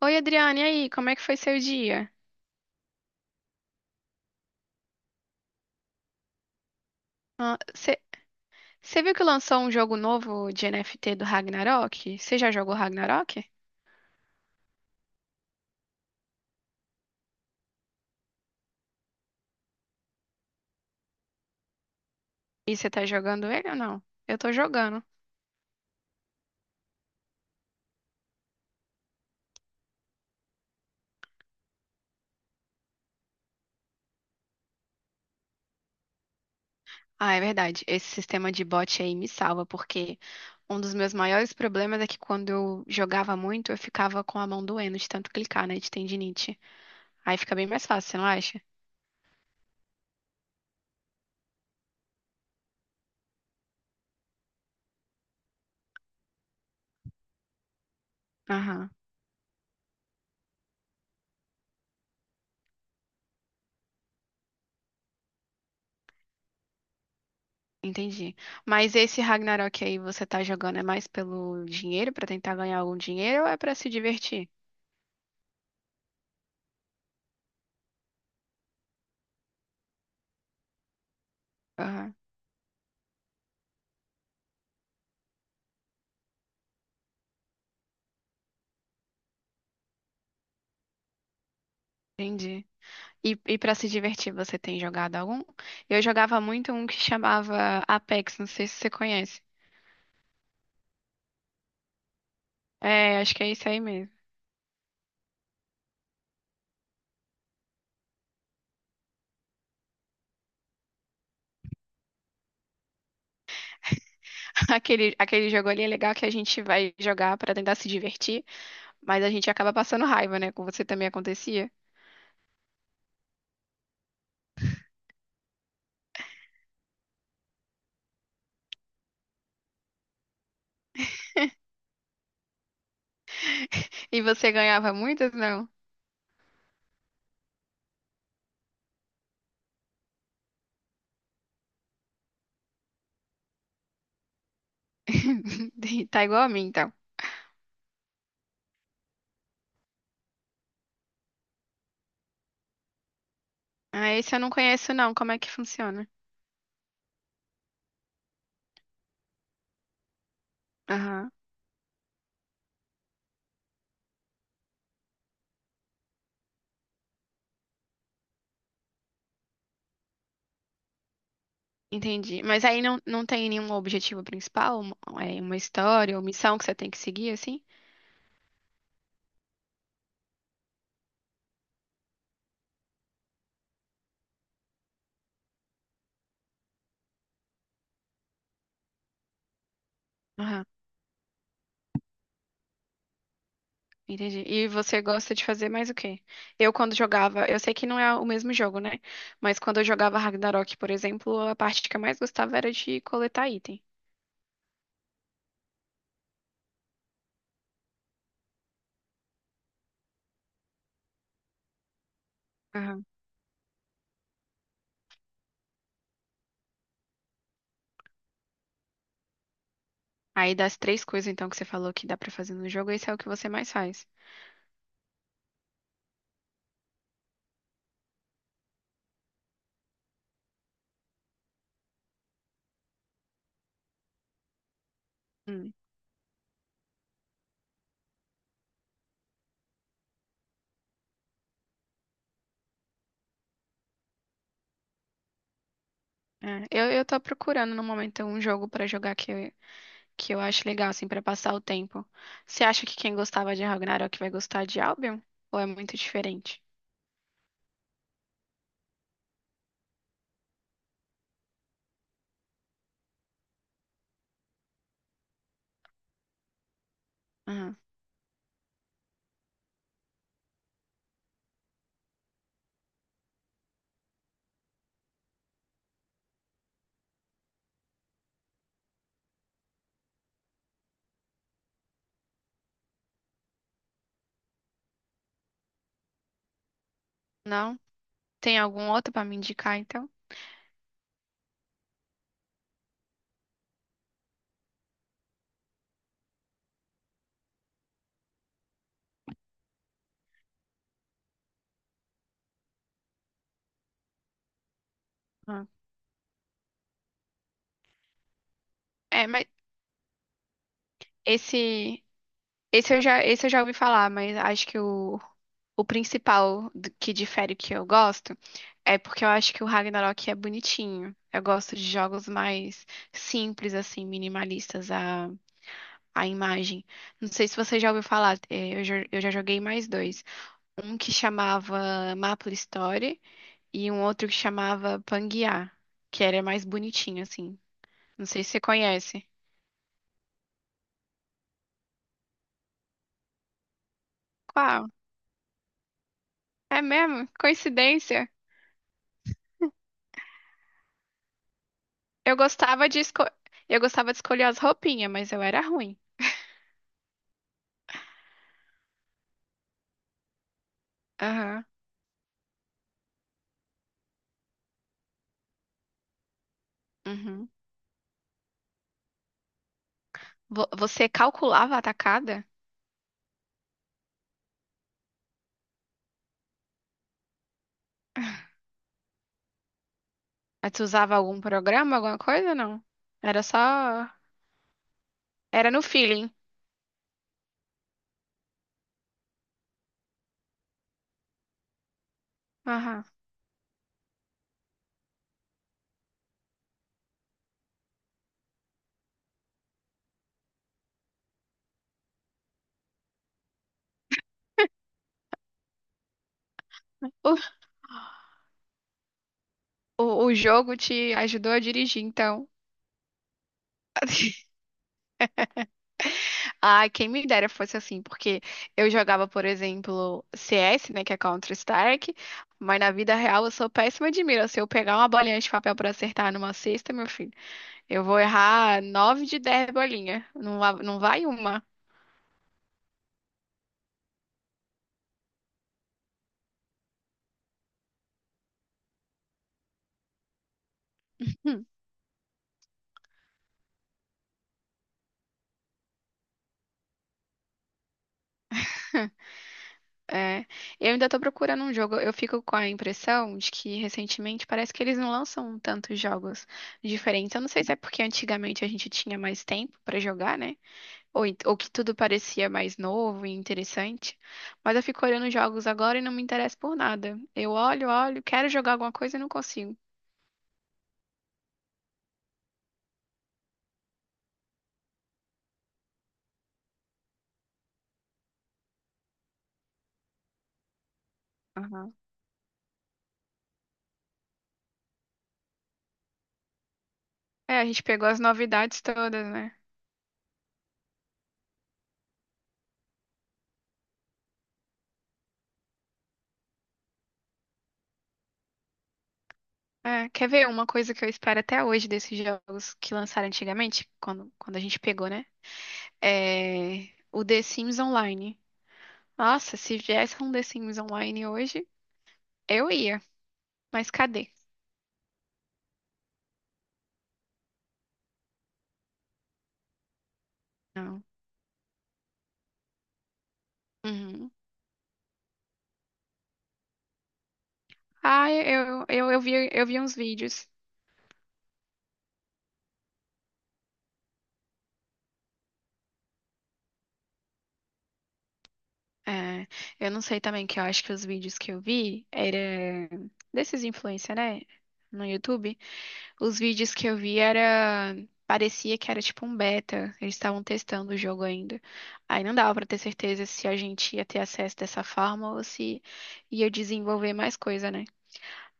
Oi, Adriane, e aí, como é que foi seu dia? Você viu que lançou um jogo novo de NFT do Ragnarok? Você já jogou Ragnarok? E você tá jogando ele ou não? Eu tô jogando. Ah, é verdade. Esse sistema de bot aí me salva, porque um dos meus maiores problemas é que quando eu jogava muito, eu ficava com a mão doendo de tanto clicar, né, de tendinite. Aí fica bem mais fácil, você não acha? Aham, entendi. Mas esse Ragnarok aí você tá jogando é mais pelo dinheiro, pra tentar ganhar algum dinheiro ou é pra se divertir? Entendi. E para se divertir, você tem jogado algum? Eu jogava muito um que chamava Apex, não sei se você conhece. É, acho que é isso aí mesmo. Aquele jogo ali é legal que a gente vai jogar pra tentar se divertir, mas a gente acaba passando raiva, né? Com você também acontecia. E você ganhava muitas, não? Tá igual a mim, então. Ah, esse eu não conheço, não. Como é que funciona? Aham, entendi. Mas aí não, não tem nenhum objetivo principal? É uma história ou missão que você tem que seguir, assim? Entendi. E você gosta de fazer mais o quê? Eu, quando jogava, eu sei que não é o mesmo jogo, né? Mas quando eu jogava Ragnarok, por exemplo, a parte que eu mais gostava era de coletar item. Aham. Aí das três coisas, então, que você falou que dá pra fazer no jogo, esse é o que você mais faz. Hum. É, eu tô procurando no momento um jogo pra jogar que eu acho legal, assim, pra passar o tempo. Você acha que quem gostava de Ragnarok vai gostar de Albion? Ou é muito diferente? Aham. Não? Tem algum outro pra me indicar, então? Ah. É, mas esse. Esse eu já ouvi falar, mas acho que o que difere o que eu gosto é porque eu acho que o Ragnarok é bonitinho. Eu gosto de jogos mais simples, assim, minimalistas, a imagem. Não sei se você já ouviu falar, eu já joguei mais dois. Um que chamava Maple Story e um outro que chamava Pangaea, que era mais bonitinho, assim. Não sei se você conhece. Qual? É mesmo? Coincidência. Eu gostava de esco... eu gostava de escolher as roupinhas, mas eu era ruim. Aham. Uhum. Você calculava a tacada? Aí você usava algum programa, alguma coisa ou não? Era só. Era no feeling. Aham. O, o jogo te ajudou a dirigir, então. Ai, quem me dera fosse assim, porque eu jogava, por exemplo, CS, né, que é Counter-Strike, mas na vida real eu sou péssima de mira. Se eu pegar uma bolinha de papel pra acertar numa cesta, meu filho. Eu vou errar nove de 10 bolinhas. Não vai uma. Hum, é. Eu ainda tô procurando um jogo. Eu fico com a impressão de que recentemente parece que eles não lançam tantos jogos diferentes. Eu não sei se é porque antigamente a gente tinha mais tempo pra jogar, né? Ou que tudo parecia mais novo e interessante. Mas eu fico olhando jogos agora e não me interesso por nada. Eu olho, olho, quero jogar alguma coisa e não consigo. Aham. É, a gente pegou as novidades todas, né? É, quer ver uma coisa que eu espero até hoje desses jogos que lançaram antigamente, quando a gente pegou, né? É o The Sims Online. Nossa, se viesse um The Sims Online hoje, eu ia. Mas cadê? Não. Uhum. Ah, eu vi uns vídeos. É, eu não sei também, que eu acho que os vídeos que eu vi era desses influencers, né? No YouTube. Os vídeos que eu vi era. Parecia que era tipo um beta. Eles estavam testando o jogo ainda. Aí não dava pra ter certeza se a gente ia ter acesso dessa forma ou se ia desenvolver mais coisa, né?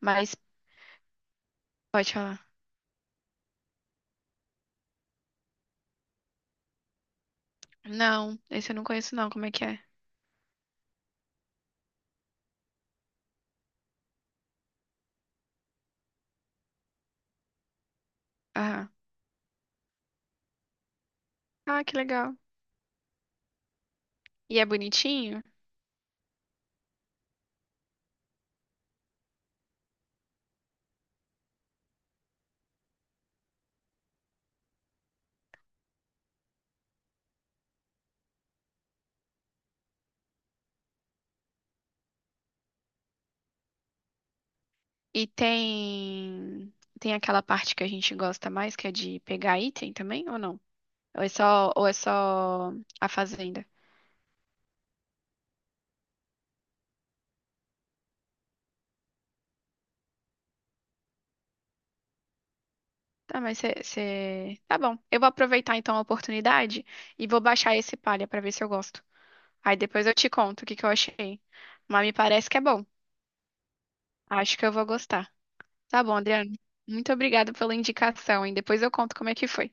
Mas pode falar. Não, esse eu não conheço não. Como é que é? Aham. Ah, que legal. E é bonitinho? E tem aquela parte que a gente gosta mais, que é de pegar item também, ou não? Ou é só a fazenda? Tá, mas você. Tá bom. Eu vou aproveitar então a oportunidade e vou baixar esse palha pra ver se eu gosto. Aí depois eu te conto o que que eu achei. Mas me parece que é bom. Acho que eu vou gostar. Tá bom, Adriano. Muito obrigada pela indicação, hein? Depois eu conto como é que foi.